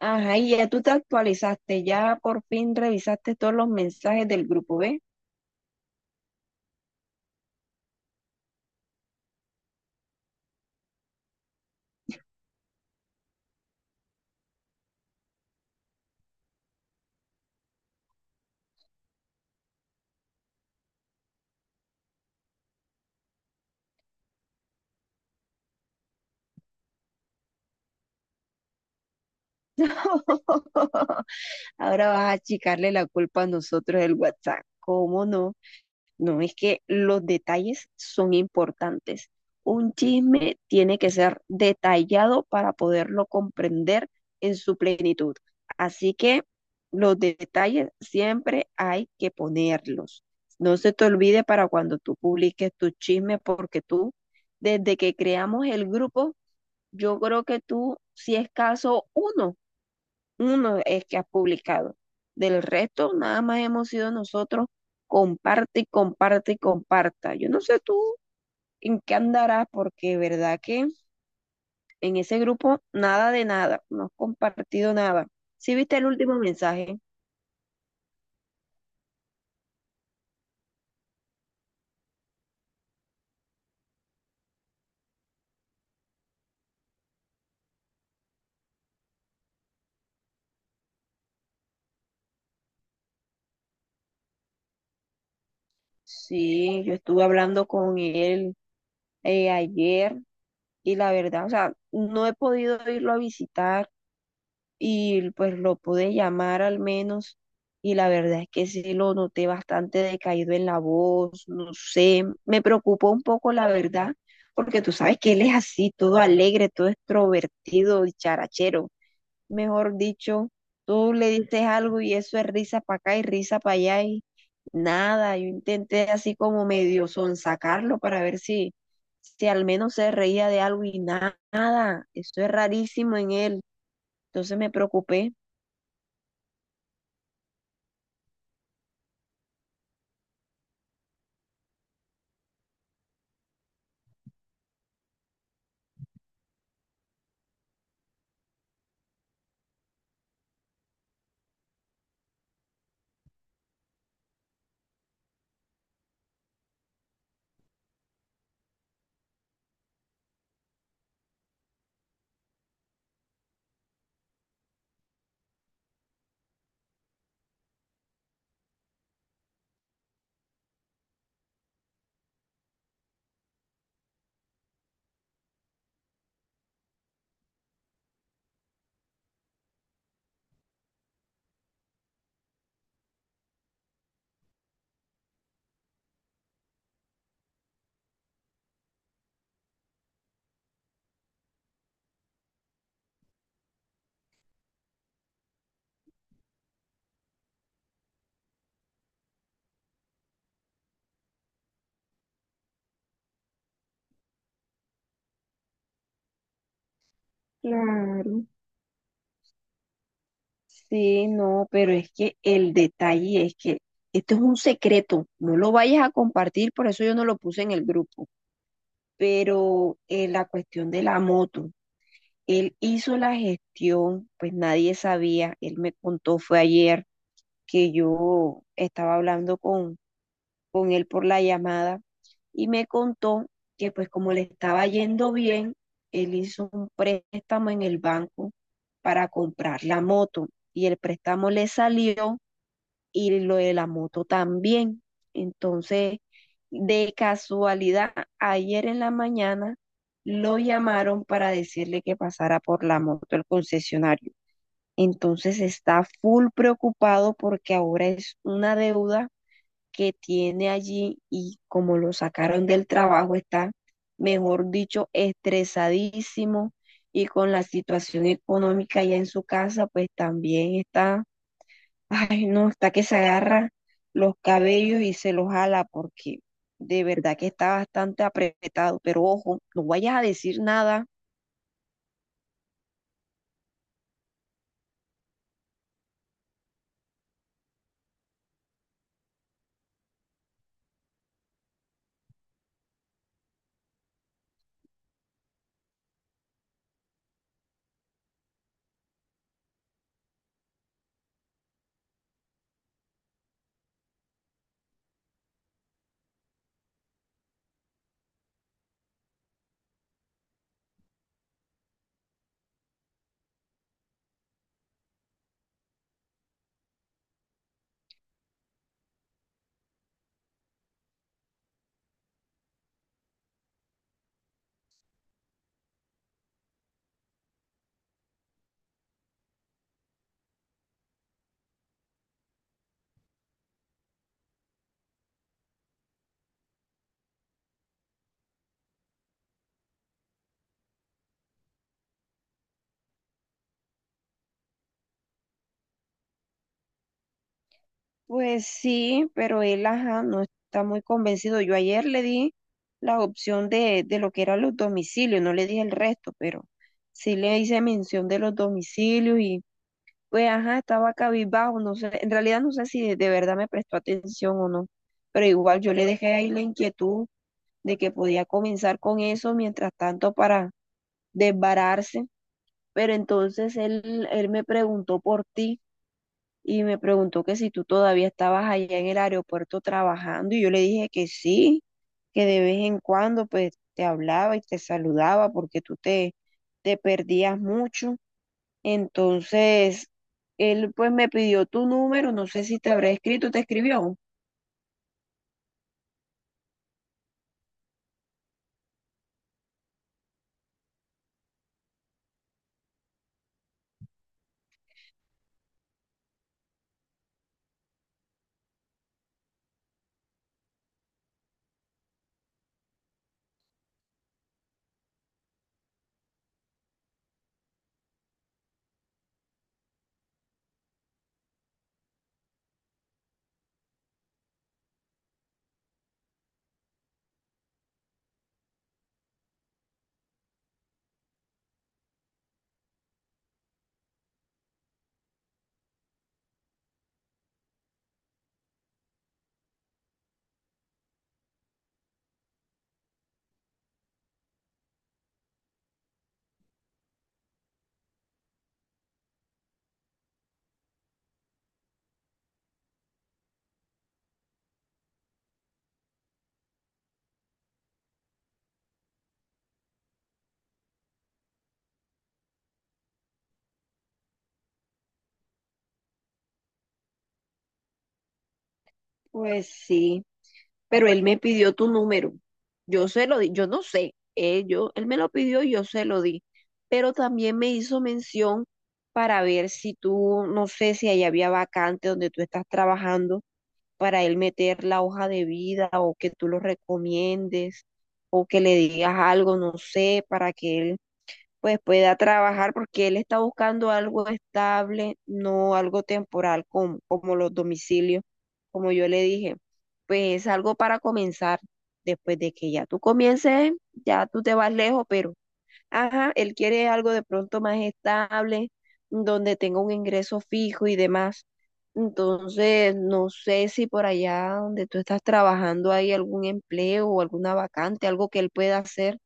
Ajá, y ya tú te actualizaste, ya por fin revisaste todos los mensajes del grupo, ¿ves? Ahora vas a achicarle la culpa a nosotros del WhatsApp. ¿Cómo no? No, es que los detalles son importantes. Un chisme tiene que ser detallado para poderlo comprender en su plenitud. Así que los detalles siempre hay que ponerlos. No se te olvide para cuando tú publiques tus chismes, porque tú, desde que creamos el grupo, yo creo que tú, si es caso, uno es que has publicado. Del resto, nada más hemos sido nosotros, comparte y comparte y comparta. Yo no sé tú en qué andarás, porque verdad que en ese grupo nada de nada, no has compartido nada. ¿Sí viste el último mensaje? Sí, yo estuve hablando con él ayer y la verdad, o sea, no he podido irlo a visitar y pues lo pude llamar al menos y la verdad es que sí lo noté bastante decaído en la voz, no sé, me preocupó un poco la verdad, porque tú sabes que él es así, todo alegre, todo extrovertido y charachero, mejor dicho, tú le dices algo y eso es risa para acá y risa para allá y nada, yo intenté así como medio sonsacarlo para ver si... Si al menos se reía de algo y nada, eso es rarísimo en él. Entonces me preocupé. Claro. Sí, no, pero es que el detalle es que esto es un secreto, no lo vayas a compartir, por eso yo no lo puse en el grupo. Pero la cuestión de la moto, él hizo la gestión, pues nadie sabía, él me contó, fue ayer que yo estaba hablando con él por la llamada. Y me contó que pues como le estaba yendo bien, él hizo un préstamo en el banco para comprar la moto y el préstamo le salió y lo de la moto también. Entonces, de casualidad, ayer en la mañana lo llamaron para decirle que pasara por la moto el concesionario. Entonces está full preocupado porque ahora es una deuda que tiene allí y como lo sacaron del trabajo, está, mejor dicho, estresadísimo y con la situación económica ya en su casa, pues también está, ay no, está que se agarra los cabellos y se los jala porque de verdad que está bastante apretado, pero ojo, no vayas a decir nada. Pues sí, pero él, ajá, no está muy convencido. Yo ayer le di la opción de lo que eran los domicilios, no le dije el resto, pero sí le hice mención de los domicilios y pues, ajá, estaba cabizbajo, no sé, en realidad no sé si de verdad me prestó atención o no, pero igual yo le dejé ahí la inquietud de que podía comenzar con eso mientras tanto para desbararse, pero entonces él me preguntó por ti y me preguntó que si tú todavía estabas allá en el aeropuerto trabajando y yo le dije que sí, que de vez en cuando pues te hablaba y te saludaba porque tú te perdías mucho. Entonces, él pues me pidió tu número, no sé si te habrá escrito, ¿te escribió? Pues sí. Pero él me pidió tu número. Yo se lo di, yo no sé, él me lo pidió y yo se lo di, pero también me hizo mención para ver si tú, no sé si ahí había vacante donde tú estás trabajando, para él meter la hoja de vida o que tú lo recomiendes o que le digas algo, no sé, para que él pues pueda trabajar porque él está buscando algo estable, no algo temporal como los domicilios, como yo le dije, pues es algo para comenzar. Después de que ya tú comiences, ya tú te vas lejos, pero ajá, él quiere algo de pronto más estable, donde tenga un ingreso fijo y demás. Entonces, no sé si por allá donde tú estás trabajando hay algún empleo o alguna vacante, algo que él pueda hacer.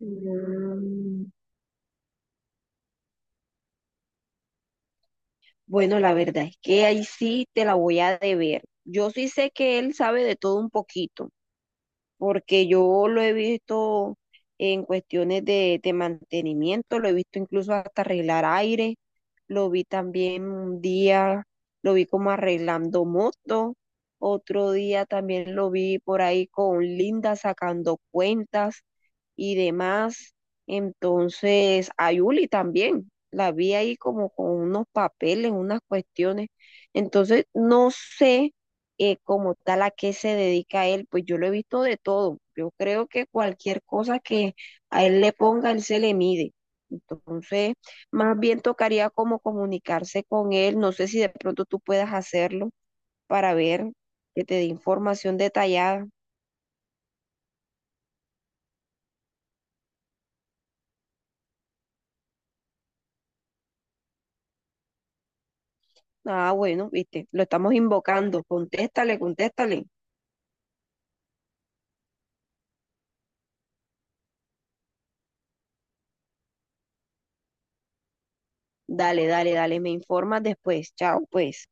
Mm. Bueno, la verdad es que ahí sí te la voy a deber. Yo sí sé que él sabe de todo un poquito, porque yo lo he visto en cuestiones de mantenimiento, lo he visto incluso hasta arreglar aire, lo vi también un día, lo vi como arreglando moto, otro día también lo vi por ahí con Linda sacando cuentas y demás. Entonces, a Yuli también, la vi ahí como con unos papeles, unas cuestiones. Entonces, no sé como tal a qué se dedica él, pues yo lo he visto de todo. Yo creo que cualquier cosa que a él le ponga, él se le mide. Entonces, más bien tocaría como comunicarse con él. No sé si de pronto tú puedas hacerlo para ver que te dé información detallada. Ah, bueno, viste, lo estamos invocando. Contéstale, contéstale. Dale, dale, dale, me informas después. Chao, pues.